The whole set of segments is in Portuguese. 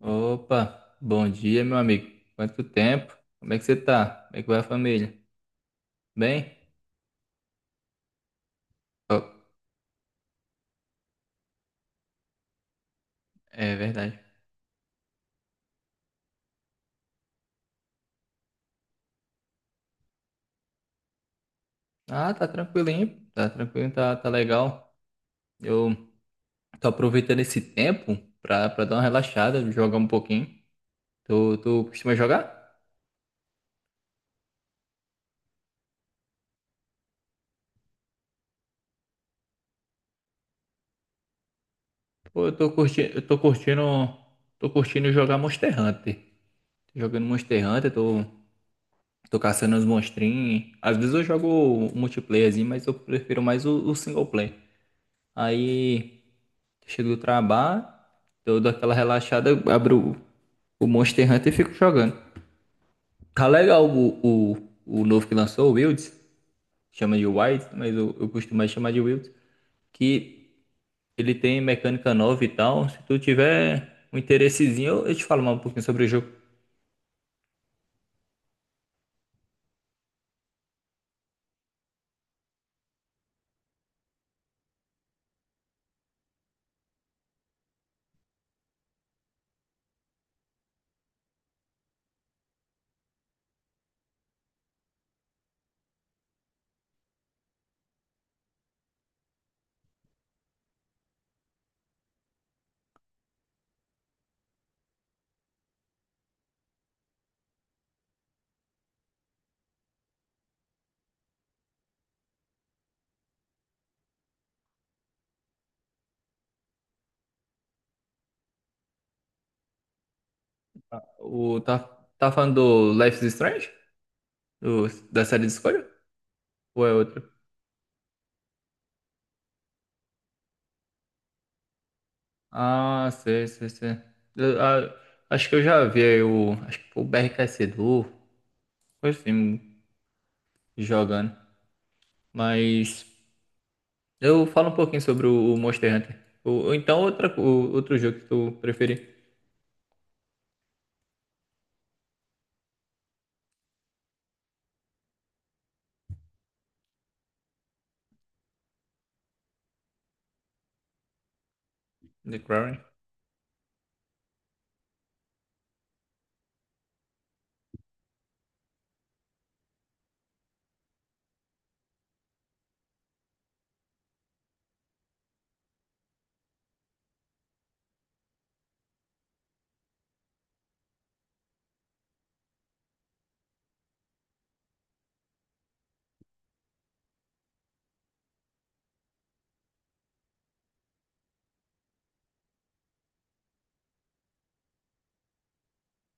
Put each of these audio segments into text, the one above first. Opa, bom dia, meu amigo. Quanto tempo? Como é que você tá? Como é que vai a família? Bem? Ó, é verdade. Ah, tá tranquilinho, tá tranquilo, tá legal. Eu tô aproveitando esse tempo pra dar uma relaxada, jogar um pouquinho. Tu costuma jogar? Pô, eu tô curtindo jogar Monster Hunter. Tô jogando Monster Hunter, tô caçando os monstrinhos. Às vezes eu jogo o multiplayerzinho, mas eu prefiro mais o single player. Aí. Chego do trabalho, eu dou aquela relaxada, eu abro Monster Hunter e fico jogando. Tá legal o novo que lançou, o Wilds, chama de Wilds, mas eu costumo mais chamar de Wilds, que ele tem mecânica nova e tal. Se tu tiver um interessezinho, eu te falo mais um pouquinho sobre o jogo. O, tá falando do Life is Strange? Da série de escolha? Ou é outro? Ah, sei, sei, sei. Eu- ah, acho que eu já vi aí o. Acho que foi o BRKC do. Foi assim, jogando. Mas eu falo um pouquinho sobre o Monster Hunter. Ou então outra, outro jogo que tu preferir. The Quarry.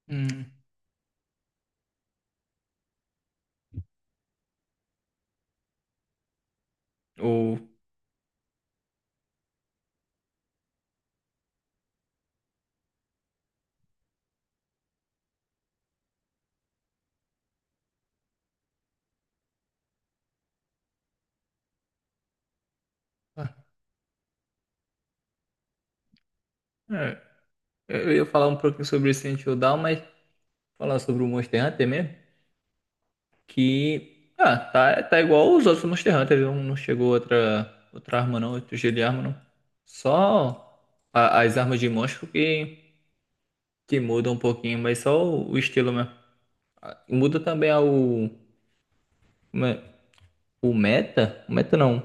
Hum, ou. ah, é, eu ia falar um pouquinho sobre Resident Evil Dawn, mas falar sobre o Monster Hunter mesmo. Tá igual os outros Monster Hunter. Não, não chegou outra arma não, outro jeito de arma não. Só as armas de monstro que mudam um pouquinho, mas só o estilo mesmo. Muda também ao. O meta? O meta não.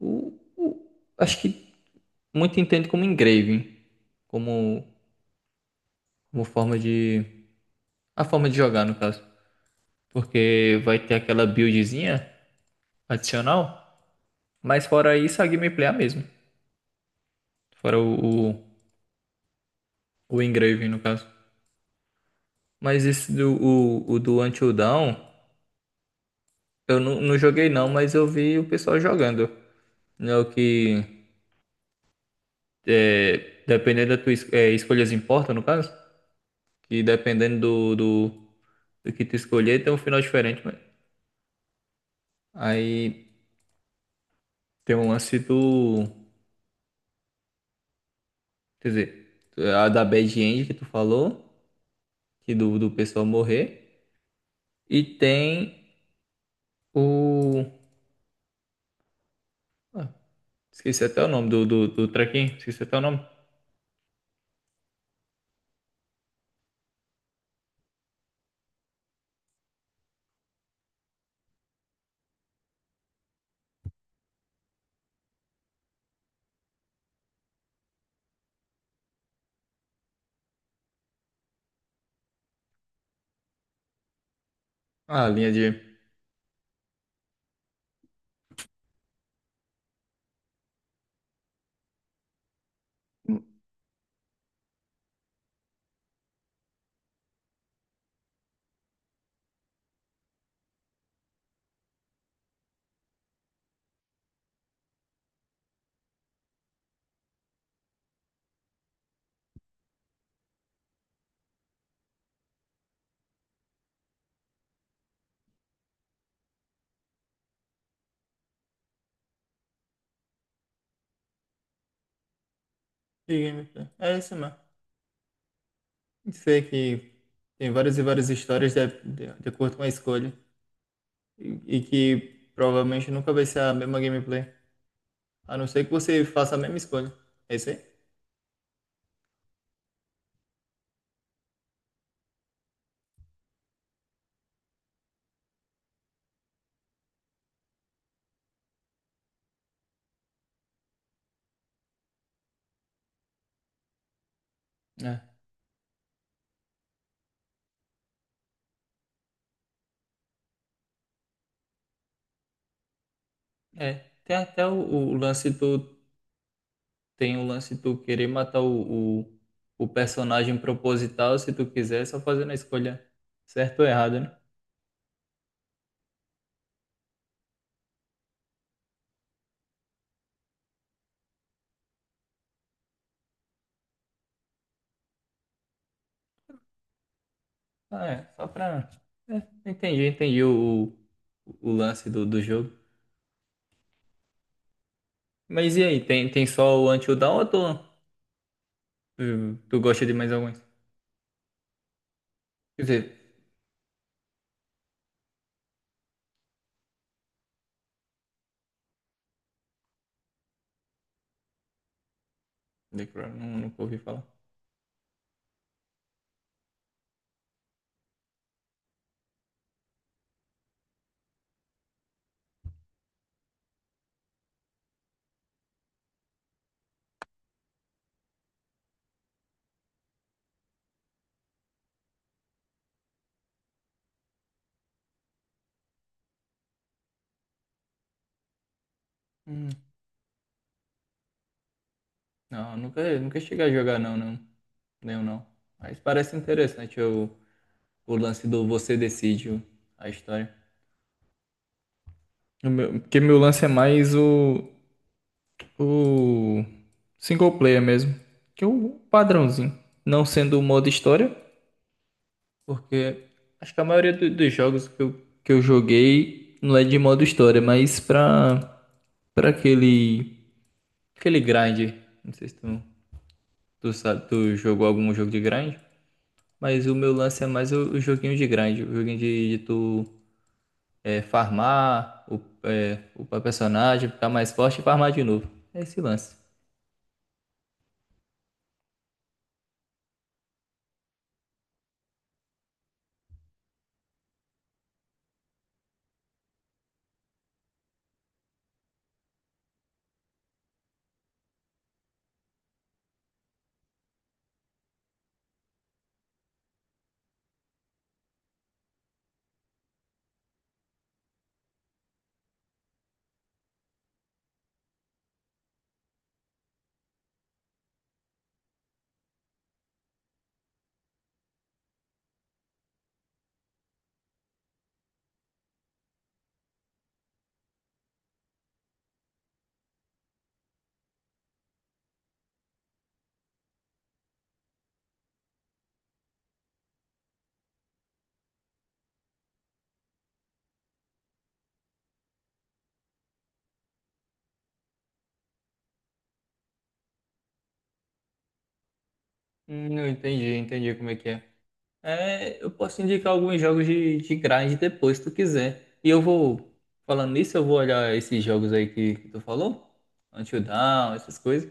O, o- acho que muito entende como engraving, como, como forma de. A forma de jogar, no caso. Porque vai ter aquela buildzinha adicional, mas fora isso a gameplay é a mesma. Fora o engraving, no caso. Mas esse do, o do Until Dawn, eu não joguei não, mas eu vi o pessoal jogando. Não é o que. É, dependendo da tua escolhas importa, no caso? Que dependendo do que tu escolher, tem um final diferente, mas aí tem um lance quer dizer, a da Bad End que tu falou, que do pessoal morrer, e tem o, ah, esqueci até o nome do trequinho, esqueci até o nome, a linha de gameplay, é isso mesmo. Sei que tem várias e várias histórias de acordo com a escolha, e que provavelmente nunca vai ser a mesma gameplay, a não ser que você faça a mesma escolha, é isso aí? É. É, tem até o lance do. Tem o lance de tu querer matar o personagem proposital, se tu quiser, só fazendo a escolha certa ou errada, né? Só pra. É, entendi, entendi o lance do jogo. Mas e aí, tem só o Until Dawn ou tu gosta de mais alguns? Quer dizer, The Crown, nunca ouvi falar. Hum, não, nunca cheguei a jogar, não, não. Nenhum, não. Mas parece interessante o lance do você decide a história. Porque meu lance é mais o single player mesmo. Que é o padrãozinho. Não sendo o modo história, porque acho que a maioria dos jogos que eu joguei não é de modo história, mas pra aquele grind. Não sei se tu sabe, tu jogou algum jogo de grind, mas o meu lance é mais o joguinho de grind, o joguinho de tu farmar, upar personagem, ficar mais forte e farmar de novo. É esse lance. Eu entendi, entendi como é que é. É, eu posso indicar alguns jogos de grind depois, se tu quiser. E falando nisso, eu vou olhar esses jogos aí que tu falou, Until Dawn, essas coisas.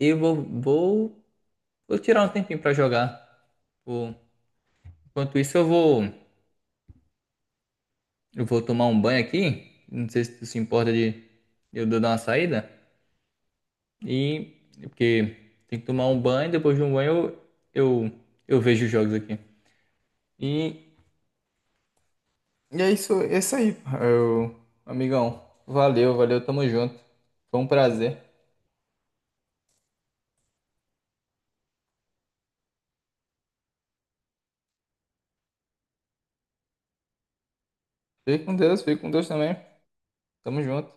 E eu vou tirar um tempinho pra jogar. Vou- enquanto isso, eu vou tomar um banho aqui. Não sei se tu se importa de eu dar uma saída. E, porque tem que tomar um banho, depois de um banho eu, eu, eu vejo os jogos aqui. E E é isso aí, eu, amigão. Valeu, valeu, tamo junto. Foi um prazer. Fique com Deus também. Tamo junto.